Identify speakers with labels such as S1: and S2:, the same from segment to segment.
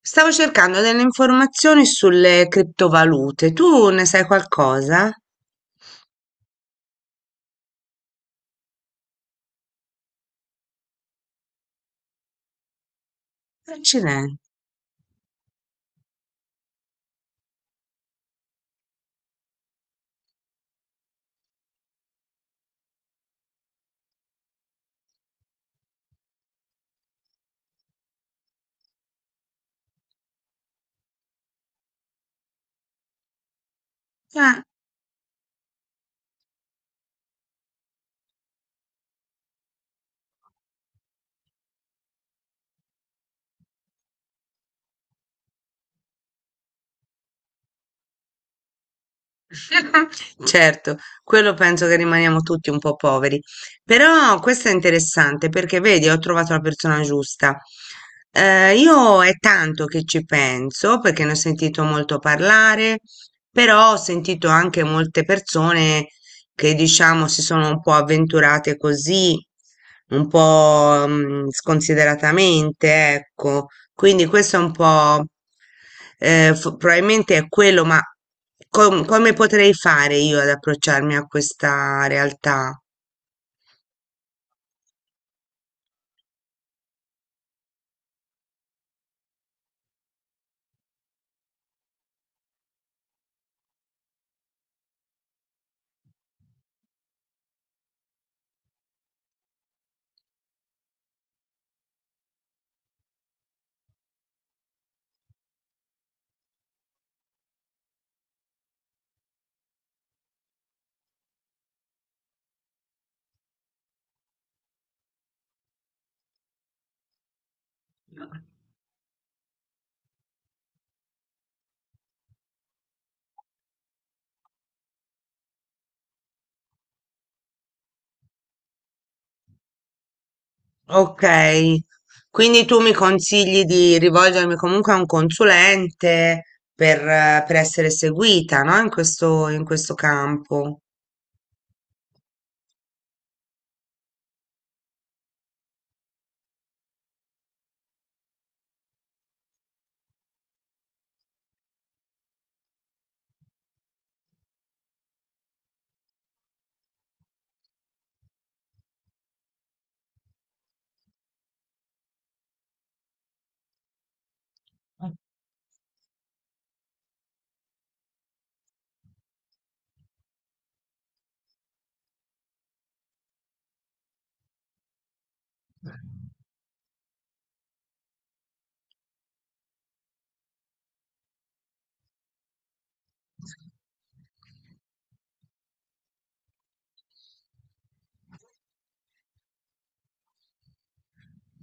S1: Stavo cercando delle informazioni sulle criptovalute. Tu ne sai qualcosa? Accidenti. Eh. Certo, quello penso che rimaniamo tutti un po' poveri, però questo è interessante perché vedi, ho trovato la persona giusta. Io è tanto che ci penso perché ne ho sentito molto parlare, però ho sentito anche molte persone che diciamo si sono un po' avventurate così, un po' sconsideratamente, ecco. Quindi questo è un po', probabilmente è quello, ma come potrei fare io ad approcciarmi a questa realtà? Ok, quindi tu mi consigli di rivolgermi comunque a un consulente per essere seguita, no? In questo campo.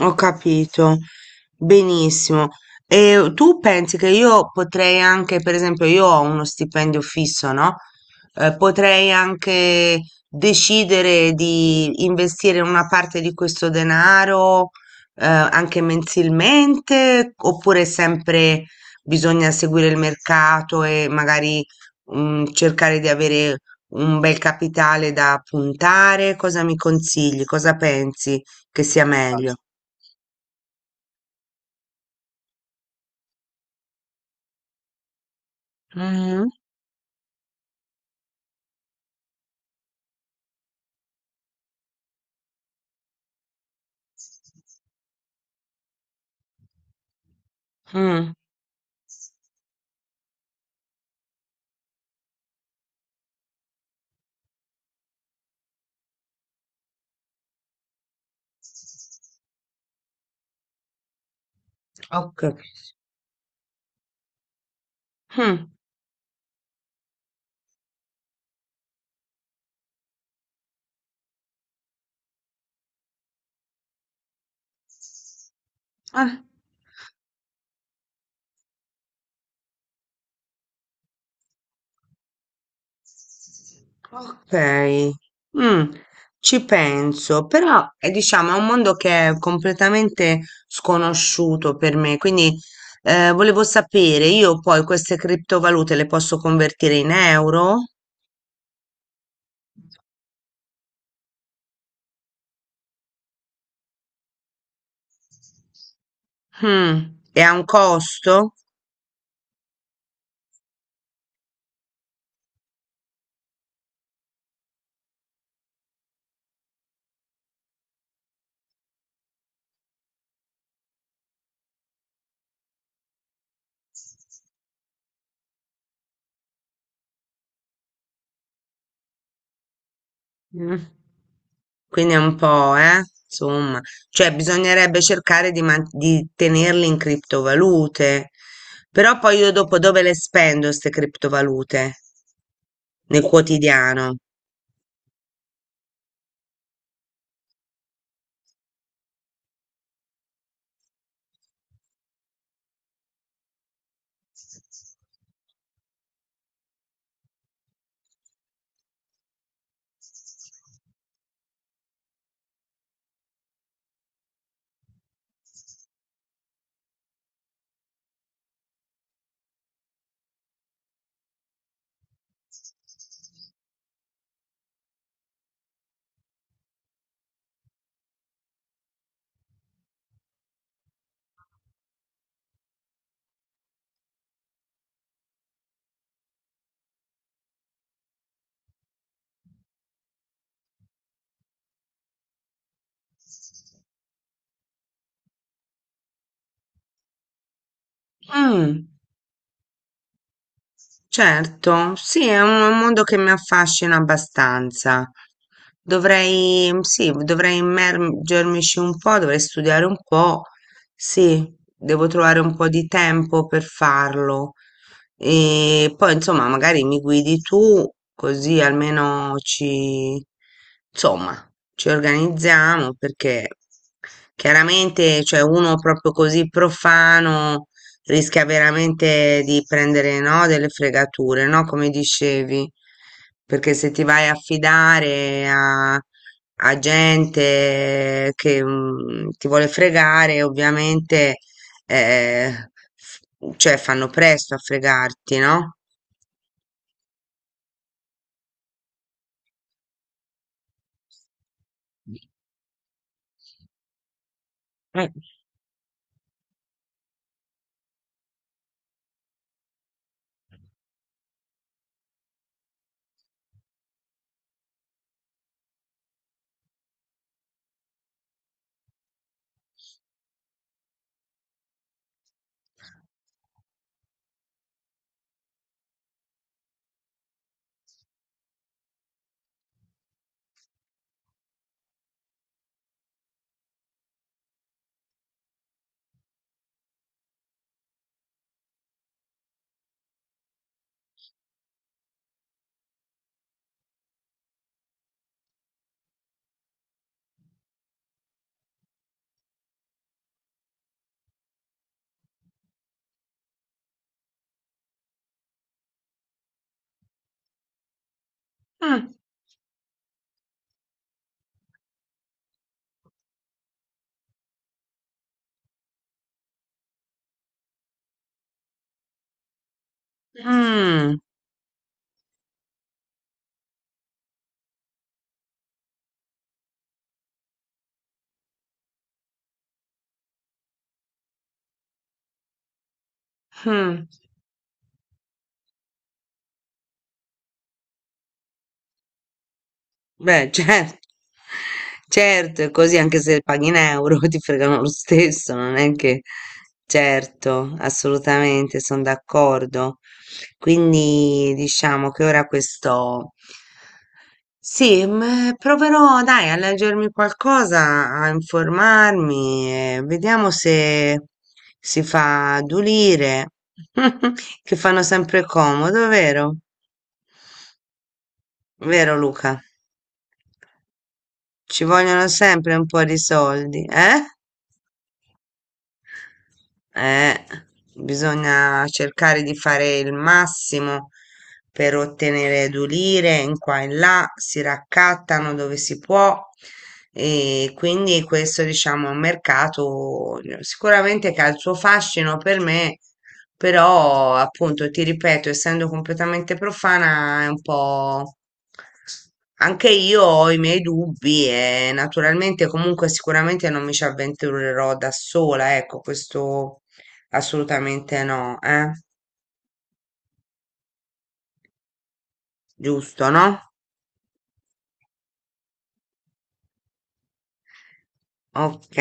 S1: Ho capito. Benissimo. E tu pensi che io potrei anche, per esempio, io ho uno stipendio fisso, no? Potrei anche decidere di investire una parte di questo denaro, anche mensilmente, oppure sempre bisogna seguire il mercato e magari, cercare di avere un bel capitale da puntare? Cosa mi consigli? Cosa pensi che sia meglio? Mhm. Mm. Ok. Mm. Ah, ok. Mm. Ci penso, però diciamo è un mondo che è completamente sconosciuto per me, quindi volevo sapere, io poi queste criptovalute le posso convertire in euro? Mm. E ha un costo? Mm. Quindi è un po', insomma, cioè bisognerebbe cercare di, di tenerli in criptovalute, però poi io dopo dove le spendo queste criptovalute? Nel quotidiano. Mm. Certo, sì, è un mondo che mi affascina abbastanza. Dovrei, sì, dovrei immergermici un po', dovrei studiare un po'. Sì, devo trovare un po' di tempo per farlo. E poi, insomma, magari mi guidi tu, così almeno ci, insomma, ci organizziamo, perché chiaramente, cioè, uno proprio così profano rischia veramente di prendere, no, delle fregature, no, come dicevi, perché se ti vai a fidare a, a gente che ti vuole fregare, ovviamente, eh, f- cioè fanno presto a fregarti, no? Eh, Mm, mm, mm. Beh, certo, certo, è così anche se paghi in euro ti fregano lo stesso, non è che... Certo, assolutamente, sono d'accordo. Quindi diciamo che ora questo... Sì, proverò, dai, a leggermi qualcosa, a informarmi, e vediamo se si fa adulire, che fanno sempre comodo, vero? Vero, Luca? Ci vogliono sempre un po' di soldi, eh? Eh, bisogna cercare di fare il massimo per ottenere edulire in qua e in là, si raccattano dove si può e quindi questo diciamo è un mercato sicuramente che ha il suo fascino per me però, appunto, ti ripeto, essendo completamente profana, è un po'... Anche io ho i miei dubbi e naturalmente comunque sicuramente non mi ci avventurerò da sola, ecco, questo assolutamente no, eh? Giusto, no? Ok.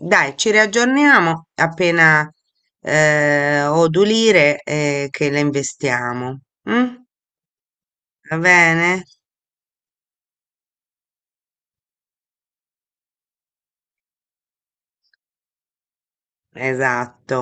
S1: Dai, ci riaggiorniamo appena ho d'ulire che le investiamo. Mm? Va bene? Esatto.